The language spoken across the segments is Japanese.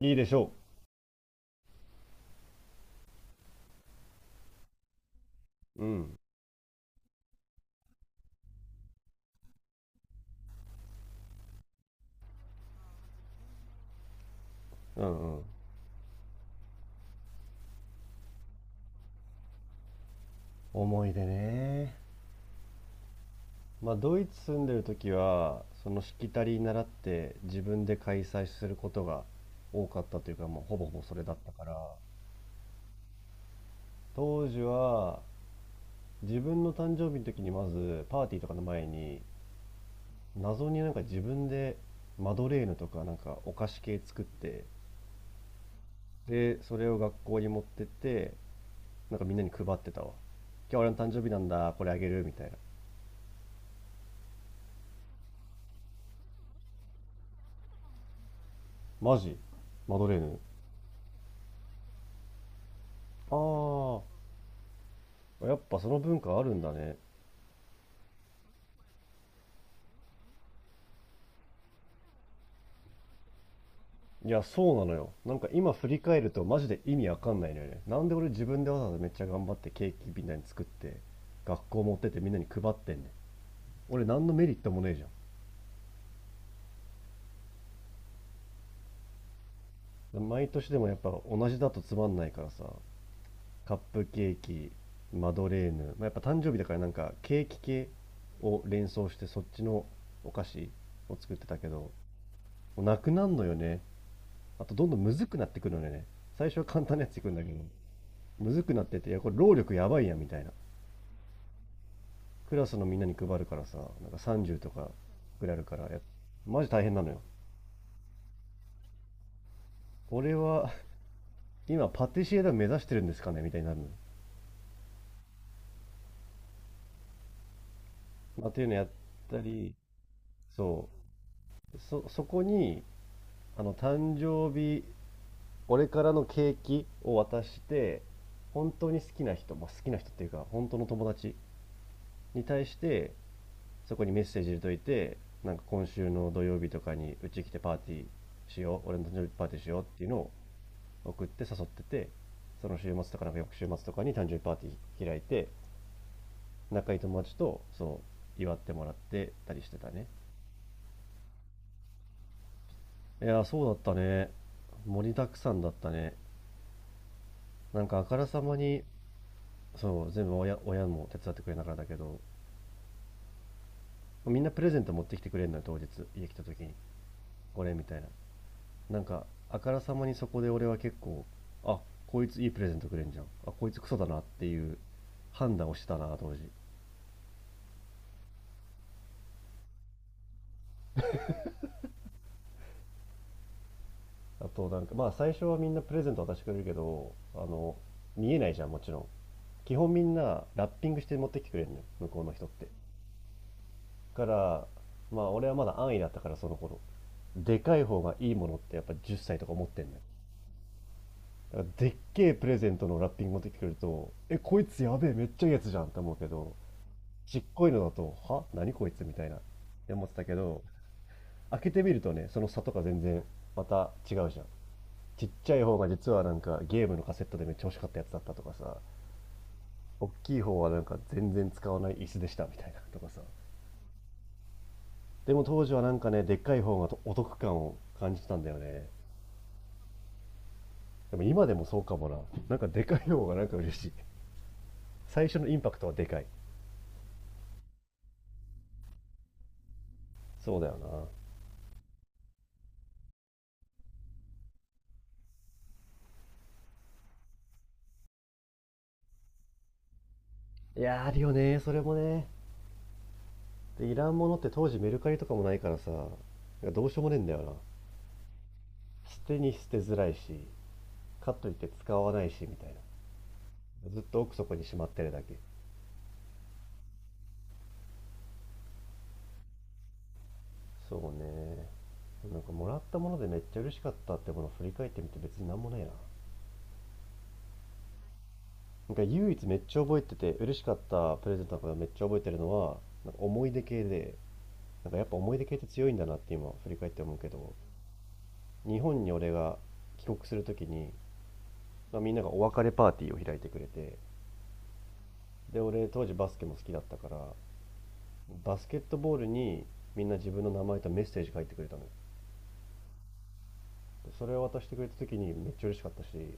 いいでしょうんうん。思い出ね。まあ、ドイツ住んでる時は、そのしきたり習って自分で開催することが多かったというか、もうほぼほぼそれだったから、当時は自分の誕生日の時にまずパーティーとかの前に、謎になんか自分でマドレーヌとかなんかお菓子系作って、で、それを学校に持ってって、なんかみんなに配ってたわ。今日俺の誕生日なんだ、これあげるみたいな。マジマドレーヌ。ああ、やっぱその文化あるんだね。いや、そうなのよ。なんか今振り返るとマジで意味わかんないのよね。なんで俺自分でわざわざめっちゃ頑張ってケーキみんなに作って、学校持ってってみんなに配ってんねん。俺何のメリットもねえじゃん。毎年でもやっぱ同じだとつまんないからさ、カップケーキ、マドレーヌ、まあ、やっぱ誕生日だからなんかケーキ系を連想してそっちのお菓子を作ってたけど、もうなくなんのよね。あとどんどんむずくなってくるのよね。最初は簡単なやついくんだけど。むずくなってて、いや、これ労力やばいやみたいな。クラスのみんなに配るからさ、なんか30とかくらいあるから、マジ大変なのよ。俺は今パティシエだ目指してるんですかねみたいになるのよ。まあ、っていうのやったり、そう。そ、そこに、あの、誕生日、俺からのケーキを渡して、本当に好きな人、まあ、好きな人っていうか、本当の友達に対して、そこにメッセージ入れといて、なんか今週の土曜日とかにうち来てパーティーしよう、俺の誕生日パーティーしようっていうのを送って誘ってて、その週末とかなんか翌週末とかに誕生日パーティー開いて、仲いい友達とそう祝ってもらってたりしてたね。いやー、そうだったね。盛りだくさんだったね。なんかあからさまに、そう、全部親、親も手伝ってくれながらだけど、みんなプレゼント持ってきてくれるのよ、当日家来た時に。これみたいな、なんかあからさまにそこで俺は結構、あ、こいついいプレゼントくれんじゃん、あこいつクソだなっていう判断をしてたな当時。あとなんかまあ最初はみんなプレゼント渡してくれるけど、あの、見えないじゃんもちろん。基本みんなラッピングして持ってきてくれるのよ、向こうの人って。だからまあ俺はまだ安易だったからその頃、でかい方がいいものってやっぱ10歳とか持ってんのよ。だからでっけえプレゼントのラッピング持ってきてくれると、え、こいつやべえ、めっちゃいいやつじゃんって思うけど、ちっこいのだと、は何こいつみたいなって思ってたけど、開けてみるとね、その差とか全然また違うじゃん。ちっちゃい方が実はなんかゲームのカセットでめっちゃ欲しかったやつだったとかさ、大きい方はなんか全然使わない椅子でしたみたいなとかさ。でも当時はなんかね、でっかい方がお得感を感じたんだよね。でも今でもそうかもな。なんかでかい方がなんか嬉しい。最初のインパクトはでかい。そうだよな。いやーあるよね、それもね。でいらんものって当時メルカリとかもないからさ、どうしようもねえんだよな。捨てに捨てづらいし、かといって使わないしみたいな、ずっと奥底にしまってるだけ。そうね。なんかもらったものでめっちゃ嬉しかったってものを振り返ってみて別になんもないな。なんか唯一めっちゃ覚えてて嬉しかったプレゼントのこと、めっちゃ覚えてるのは、なんか思い出系で、なんかやっぱ思い出系って強いんだなって今振り返って思うけど、日本に俺が帰国するときに、まあみんながお別れパーティーを開いてくれて、で俺当時バスケも好きだったから、バスケットボールにみんな自分の名前とメッセージ書いてくれたのよ。でそれを渡してくれた時にめっちゃ嬉しかったし、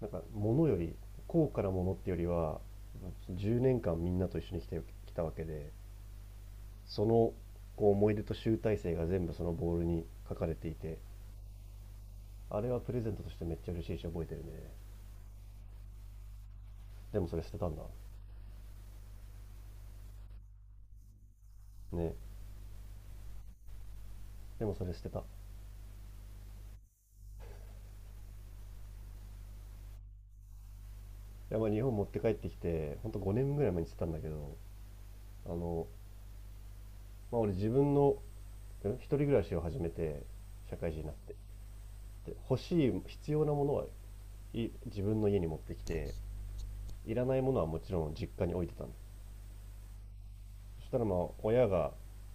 なんか物より高価なものってよりは、10年間みんなと一緒に来てきたわけで、そのこう思い出と集大成が全部そのボールに書かれていて、あれはプレゼントとしてめっちゃ嬉しいし覚えてるね。でもそれ捨てたんだね。でもそれ捨てたいや、まあ日本持って帰ってきて、ほんと5年ぐらい前に捨てたんだけど、あの、まあ俺自分の一人暮らしを始めて社会人になって、で欲しい必要なものはい自分の家に持ってきて、いらないものはもちろん実家に置いてたんです。そしたらまあ親が、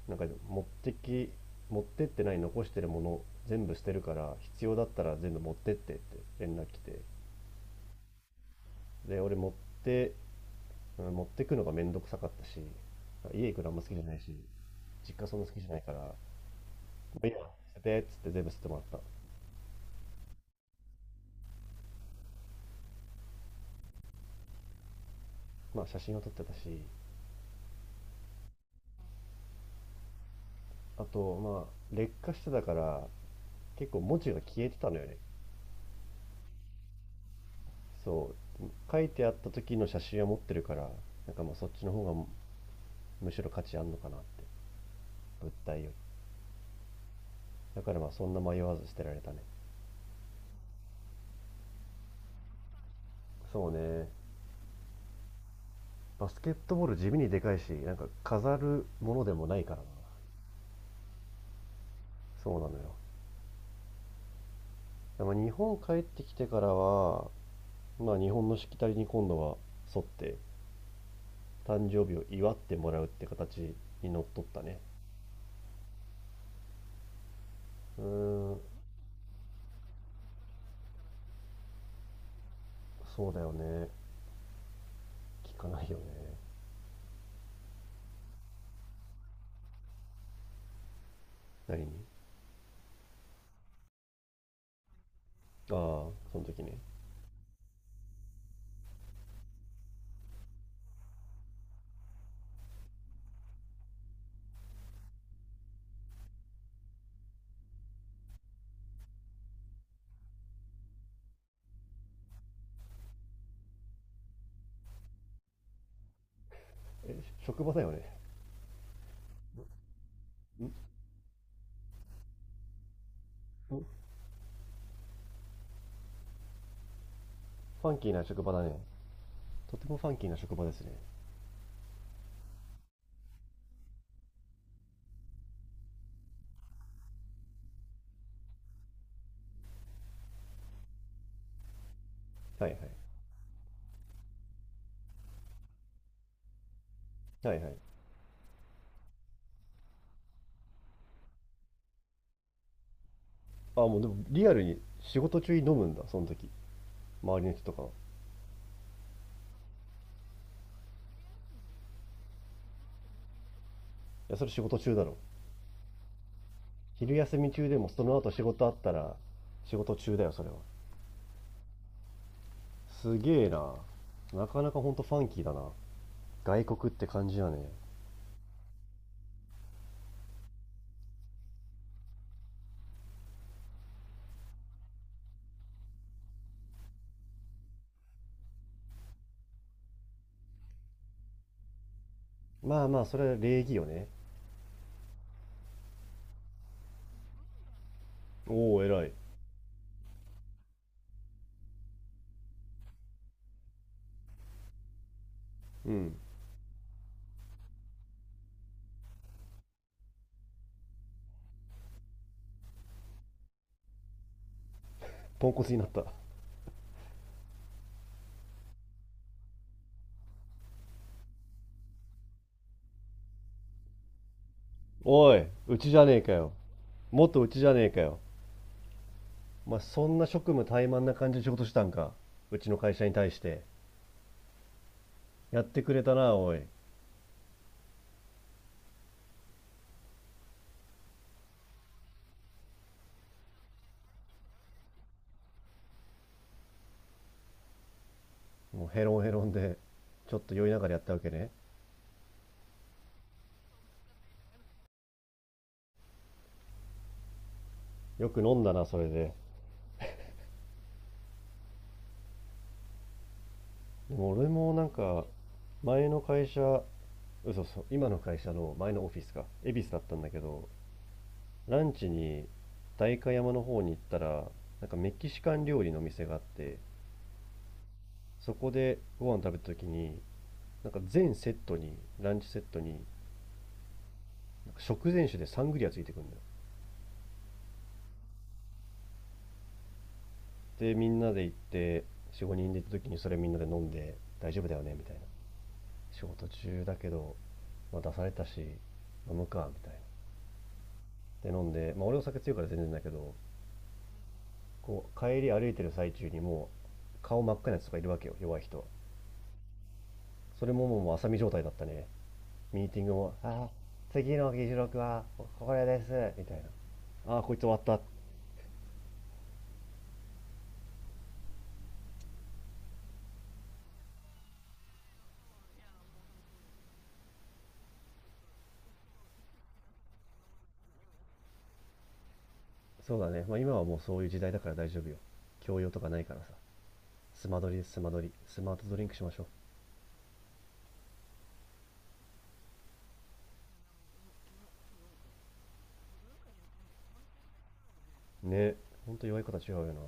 なんか持ってき、持ってってない残してるもの全部捨てるから必要だったら全部持ってってって連絡来て、で俺て持ってくのがめんどくさかったし、家行くのあんま好きじゃないし、実家そんな好きじゃないから、「いいや、捨てて」っつって全部捨ててもらった。まあ写真を撮ってたし、あと、まあ、劣化してたから、結構文字が消えてたのよね。そう。書いてあった時の写真は持ってるから、なんかまあそっちの方がむしろ価値あんのかなって。物体より。だからまあそんな迷わず捨てられたね。そうね。バスケットボール地味にでかいし、なんか飾るものでもないからな。そうなのよ。でも日本帰ってきてからは、まあ日本のしきたりに今度は沿って、誕生日を祝ってもらうって形にのっとったね。うーん、そうだよね。聞かないよね。何に？ああ、その時ね。え、職場だよね。んん、ファンキーな職場だね。とてもファンキーな職場ですね。はいはい。はいはい。ああ、もうでもリアルに仕事中に飲むんだ、その時。周りの人とかは。いや、それ仕事中だろ。昼休み中でもその後仕事あったら仕事中だよ、それは。すげえな。なかなかほんとファンキーだな。外国って感じだね。まあまあ、それは礼儀よね。おお、偉い。うん。ポンコツになった。おい、うちじゃねえかよ。もっとうちじゃねえかよ。まあそんな職務怠慢な感じで仕事したんか。うちの会社に対して。やってくれたな、おい。もうヘロンヘロンで、ちょっと酔いながらやったわけね。よく飲んだな、それで。でも俺もなんか、前の会社、嘘、そう、今の会社の前のオフィスか、恵比寿だったんだけど、ランチに代官山の方に行ったら、なんかメキシカン料理の店があって、そこでご飯食べた時に、なんか全セットに、ランチセットに食前酒でサングリアついてくるんだよ。でみんなで行って45人で行った時に、それみんなで飲んで大丈夫だよねみたいな、仕事中だけど、まあ、出されたし飲むかみたいなで飲んで、まあ、俺お酒強いから全然だけど、こう帰り歩いてる最中にもう顔真っ赤なやつとかいるわけよ、弱い人は。それももう浅見状態だったね。ミーティングも「あー、次の議事録はこれです」みたいな、「ああこいつ終わった」。そうだね。まあ今はもうそういう時代だから大丈夫よ。教養とかないからさ。スマドリ、スマドリ。スマートドリンクしましょう。ね。ほんと弱いことは違うよな。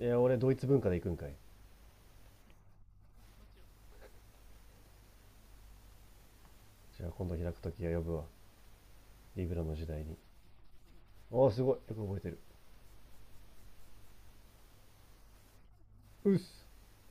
いや、俺ドイツ文化で行くんかい。じゃあ今度開くときは呼ぶわ。リブラの時代に。ああ、すごい。よく覚えてる。うっす。